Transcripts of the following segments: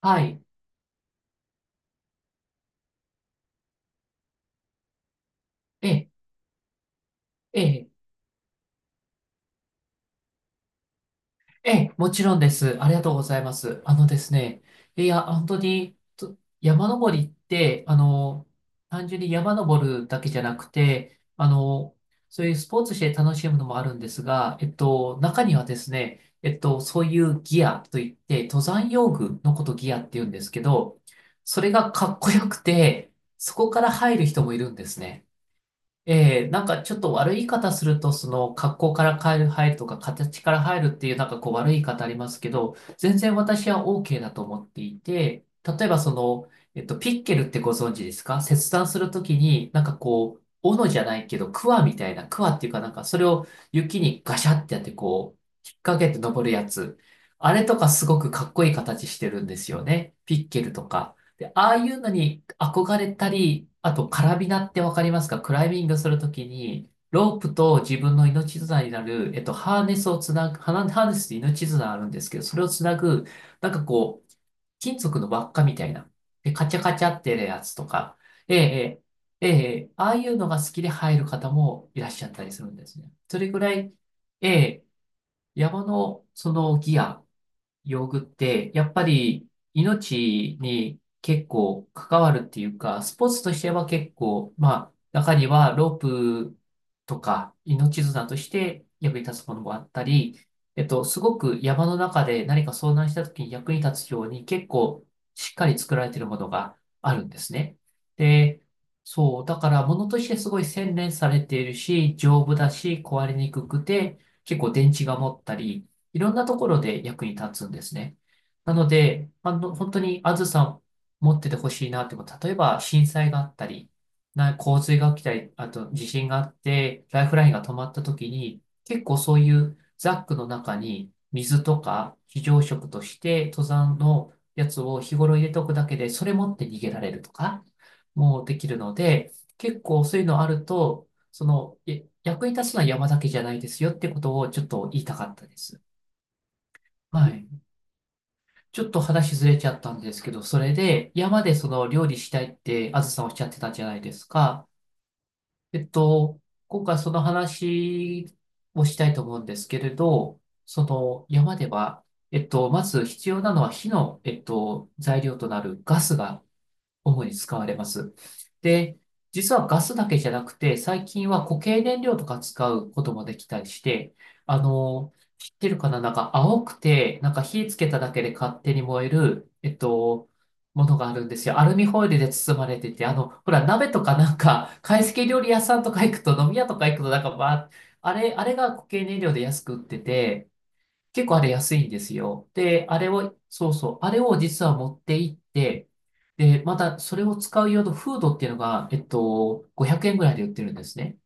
はい。ええ、ええ、ええ、もちろんです。ありがとうございます。あのですね、いや、本当に、と山登りって、単純に山登るだけじゃなくて、そういうスポーツして楽しむのもあるんですが、中にはですね、そういうギアといって、登山用具のことギアって言うんですけど、それがかっこよくて、そこから入る人もいるんですね。ええ、なんかちょっと悪い言い方すると、その格好から変える、入るとか形から入るっていうなんかこう悪い言い方ありますけど、全然私は OK だと思っていて、例えばその、ピッケルってご存知ですか？切断するときに、なんかこう、斧じゃないけど、クワみたいな、クワっていうかなんかそれを雪にガシャってやってこう、引っ掛けて登るやつ。あれとかすごくかっこいい形してるんですよね。ピッケルとか。で、ああいうのに憧れたり、あとカラビナってわかりますか？クライミングするときに、ロープと自分の命綱になる、ハーネスをつなぐ、ハーネスって命綱あるんですけど、それをつなぐ、なんかこう、金属の輪っかみたいな。で、カチャカチャってやつとか、ええ、ええ、ええ、ああいうのが好きで入る方もいらっしゃったりするんですね。それぐらい、ええ、山のそのギア、用具って、やっぱり命に結構関わるっていうか、スポーツとしては結構、まあ、中にはロープとか命綱として役に立つものもあったり、すごく山の中で何か遭難した時に役に立つように結構しっかり作られているものがあるんですね。で、そう、だから物としてすごい洗練されているし、丈夫だし、壊れにくくて、結構電池が持ったり、いろんなところで役に立つんですね。なので、本当にあずさん持っててほしいなってこと、例えば震災があったり、洪水が起きたり、あと地震があって、ライフラインが止まった時に、結構そういうザックの中に水とか非常食として登山のやつを日頃入れておくだけで、それ持って逃げられるとか、もうできるので、結構そういうのあると、役に立つのは山だけじゃないですよってことをちょっと言いたかったです。はい。ちょっと話ずれちゃったんですけど、それで山でその料理したいってあずさんおっしゃってたじゃないですか。えっと、今回その話をしたいと思うんですけれど、その山では、まず必要なのは火の、材料となるガスが主に使われます。で、実はガスだけじゃなくて、最近は固形燃料とか使うこともできたりして、知ってるかななんか青くて、なんか火つけただけで勝手に燃える、ものがあるんですよ。アルミホイルで包まれてて、ほら、鍋とかなんか、懐石料理屋さんとか行くと、飲み屋とか行くと、なんかば、あれが固形燃料で安く売ってて、結構あれ安いんですよ。で、あれを、そうそう、あれを実は持って行って、で、またそれを使う用のフードっていうのが、500円ぐらいで売ってるんですね。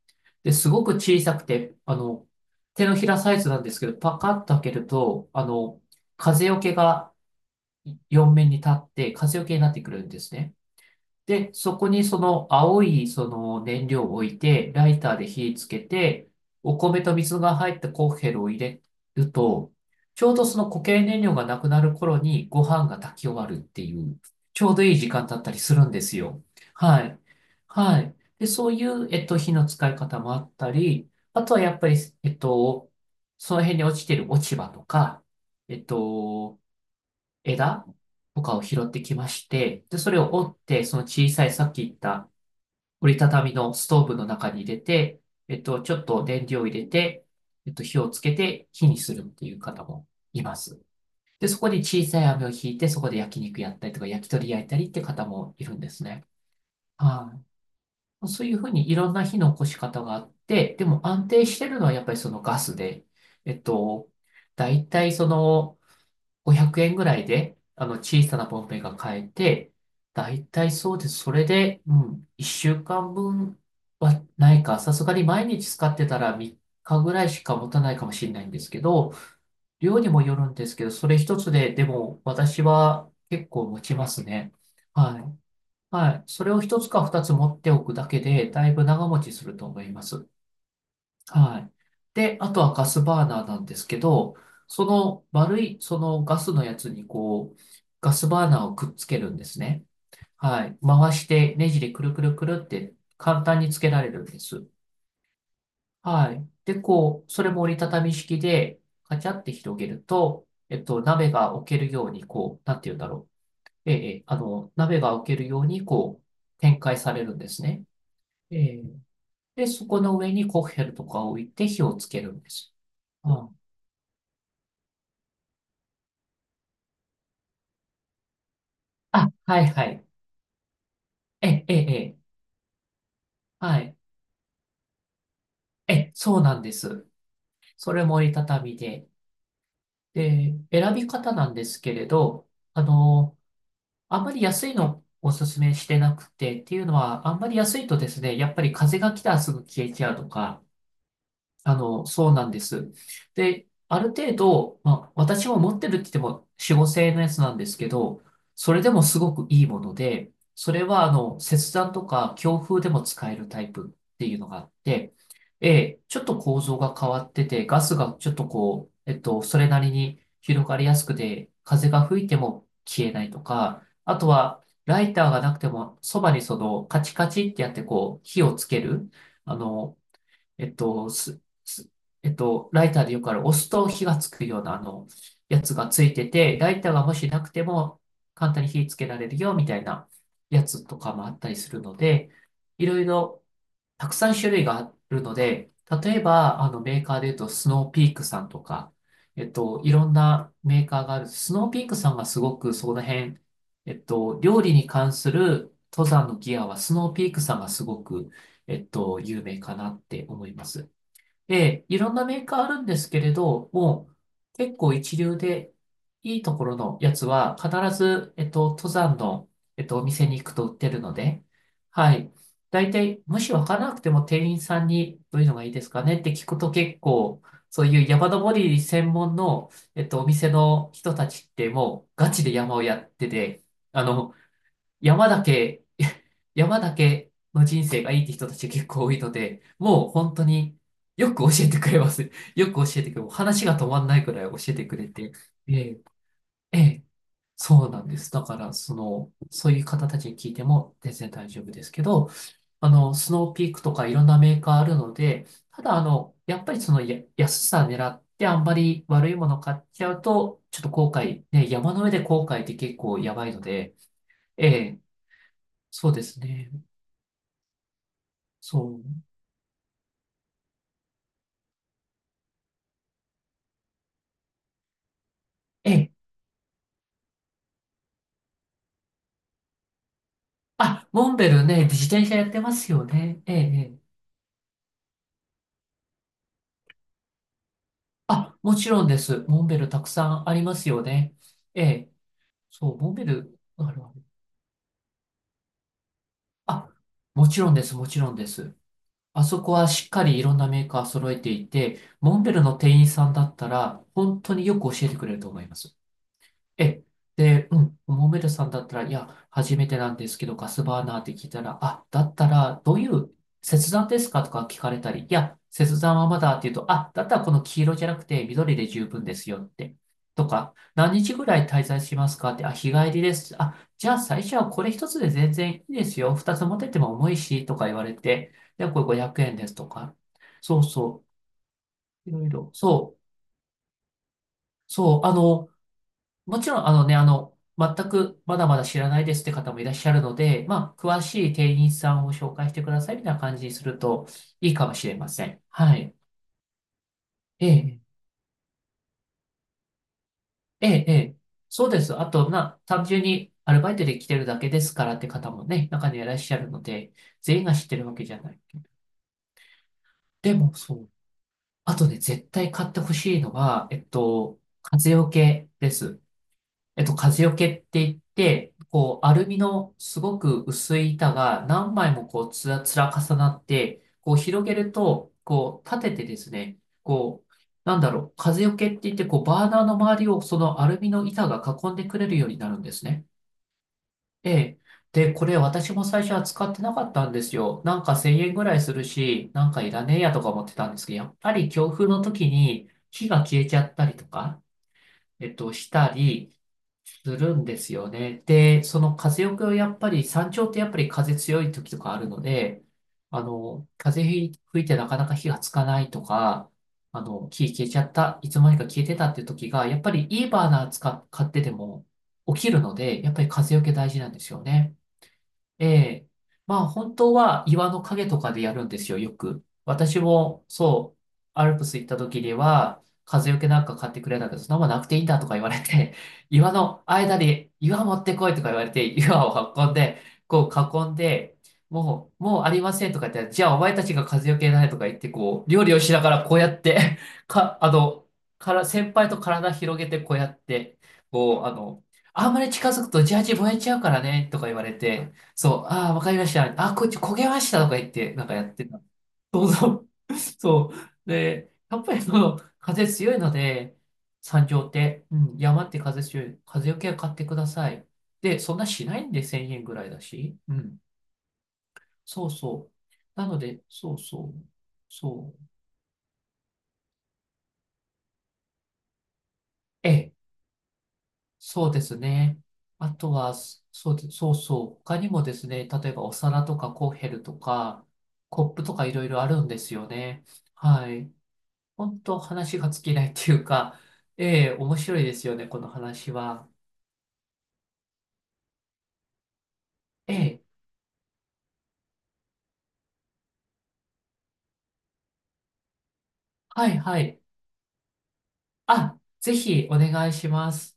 で、すごく小さくて、手のひらサイズなんですけど、パカッと開けると、風よけが4面に立って、風よけになってくるんですね。で、そこにその青いその燃料を置いて、ライターで火つけて、お米と水が入ったコッヘルを入れると、ちょうどその固形燃料がなくなる頃にご飯が炊き終わるっていう、ちょうどいい時間だったりするんですよ。はい。はい。で、そういう、火の使い方もあったり、あとはやっぱり、えっと、その辺に落ちてる落ち葉とか、えっと、枝とかを拾ってきまして、で、それを折って、その小さいさっき言った折りたたみのストーブの中に入れて、ちょっと燃料を入れて、火をつけて火にするっていう方もいます。で、そこに小さい網を引いて、そこで焼肉やったりとか、焼き鳥焼いたりって方もいるんですね。はい。そういうふうにいろんな火の起こし方があって、でも安定してるのはやっぱりそのガスで、えっと、大体その、500円ぐらいで、小さなボンベが買えて、だいたいそうです。それで、うん、1週間分はないか、さすがに毎日使ってたら3日ぐらいしか持たないかもしれないんですけど、量にもよるんですけど、それ一つで、でも私は結構持ちますね。はい。はい。それを一つか二つ持っておくだけで、だいぶ長持ちすると思います。はい。で、あとはガスバーナーなんですけど、その丸い、そのガスのやつにこう、ガスバーナーをくっつけるんですね。はい。回してネジでくるくるくるって簡単につけられるんです。はい。で、こう、それも折りたたみ式で、カチャって広げると、鍋が置けるように、こう、なんて言うんだろう。ええ、ええ鍋が置けるように、こう、展開されるんですね。ええ。で、そこの上にコッヘルとかを置いて火をつけるんです。うんあ、はいはい。え、え、え、はい。え、そうなんです。それも折りたたみで。で、選び方なんですけれど、あの、あんまり安いのおすすめしてなくて、っていうのは、あんまり安いとですね、やっぱり風が来たらすぐ消えちゃうとか、そうなんです。で、ある程度、まあ、私は持ってるって言っても4、5千のやつなんですけど、それでもすごくいいもので、それは、切断とか強風でも使えるタイプっていうのがあって、ちょっと構造が変わってて、ガスがちょっとこう、それなりに広がりやすくて、風が吹いても消えないとか、あとは、ライターがなくても、そばにその、カチカチってやってこう、火をつける、あの、えっと、す、す、えっと、ライターでよくある押すと火がつくようなやつがついてて、ライターがもしなくても簡単に火つけられるよみたいなやつとかもあったりするので、いろいろたくさん種類があるので、例えば、メーカーで言うと、スノーピークさんとか、いろんなメーカーがある。スノーピークさんがすごくその辺、料理に関する登山のギアは、スノーピークさんがすごく、有名かなって思います。で、いろんなメーカーあるんですけれど、もう結構一流でいいところのやつは必ず、登山の、お店に行くと売ってるので、はい。大体、もしわからなくても店員さんにどういうのがいいですかねって聞くと結構、そういう山登り専門の、お店の人たちってもうガチで山をやってて、あの、山だけ山だけの人生がいいって人たち結構多いので、もう本当によく教えてくれます。よく教えてくれる、話が止まんないくらい教えてくれて、ええ、ええ、そうなんです。だから、その、そういう方たちに聞いても全然大丈夫ですけど、スノーピークとかいろんなメーカーあるので、ただ、やっぱりそのや安さ狙ってあんまり悪いもの買っちゃうと、ちょっと後悔、ね、山の上で後悔って結構やばいので、ええ、そうですね。そう。ええ、あ、モンベルね、自転車やってますよね。ええ、ええ。あ、もちろんです。モンベルたくさんありますよね。ええ、そう、モンベル、あるある。あ、もちろんです、もちろんです。あそこはしっかりいろんなメーカー揃えていて、モンベルの店員さんだったら、本当によく教えてくれると思います。え、で、うん、モメルさんだったら、いや、初めてなんですけど、ガスバーナーって聞いたら、あ、だったら、どういう切断ですかとか聞かれたり、いや、切断はまだっていうと、あ、だったらこの黄色じゃなくて緑で十分ですよって。とか、何日ぐらい滞在しますかって、あ、日帰りです。あ、じゃあ最初はこれ一つで全然いいですよ。二つ持ってっても重いし、とか言われて、で、これ500円ですとか。そうそう。いろいろ。そう。そう。もちろん、あのね、全くまだまだ知らないですって方もいらっしゃるので、まあ、詳しい店員さんを紹介してくださいみたいな感じにするといいかもしれません。はい。ええ、ええ、ええ。そうです。あと、単純にアルバイトで来てるだけですからって方もね、中にはいらっしゃるので、全員が知ってるわけじゃない。でも、そう。あとね、絶対買ってほしいのは、風よけです。風よけって言って、こう、アルミのすごく薄い板が何枚もこう、つら重なって、こう、広げると、こう、立ててですね、こう、なんだろう、風よけって言って、こう、バーナーの周りをそのアルミの板が囲んでくれるようになるんですね。ええ。で、これ私も最初は使ってなかったんですよ。なんか1000円ぐらいするし、なんかいらねえやとか思ってたんですけど、やっぱり強風の時に火が消えちゃったりとか、したりするんですよね。で、その風よけをやっぱり、山頂ってやっぱり風強い時とかあるので、風吹いてなかなか火がつかないとか、火消えちゃった、いつの間にか消えてたっていう時が、やっぱりいいバーナー買ってても起きるので、やっぱり風よけ大事なんですよね。ええ。まあ本当は岩の陰とかでやるんですよ、よく。私もそう、アルプス行った時には、風よけなんか買ってくれたけど、そんなもんなくていいんだとか言われて、岩の間で岩持ってこいとか言われて、岩を運んで、こう囲んで、もうありませんとか言って、じゃあお前たちが風よけないとか言って、こう、料理をしながらこうやって、か、あの、から、先輩と体広げてこうやって、こう、あんまり近づくとジャージ燃えちゃうからね、とか言われて、そう、ああ、わかりました。あー、こっち焦げましたとか言って、なんかやってた。そうそう。そう。で、やっぱりその、風強いので、山頂って、うん、山って風強い。風よけは買ってください。で、そんなしないんで、1000円ぐらいだし。うん。そうそう。なので、そうそう。そう。ええ、そうですね。あとは、そそうでそうそう。他にもですね、例えばお皿とかコッヘルとか、コップとかいろいろあるんですよね。はい。本当話が尽きないっていうか、ええ、面白いですよね、この話は。ええ、はいはい。あ、ぜひお願いします。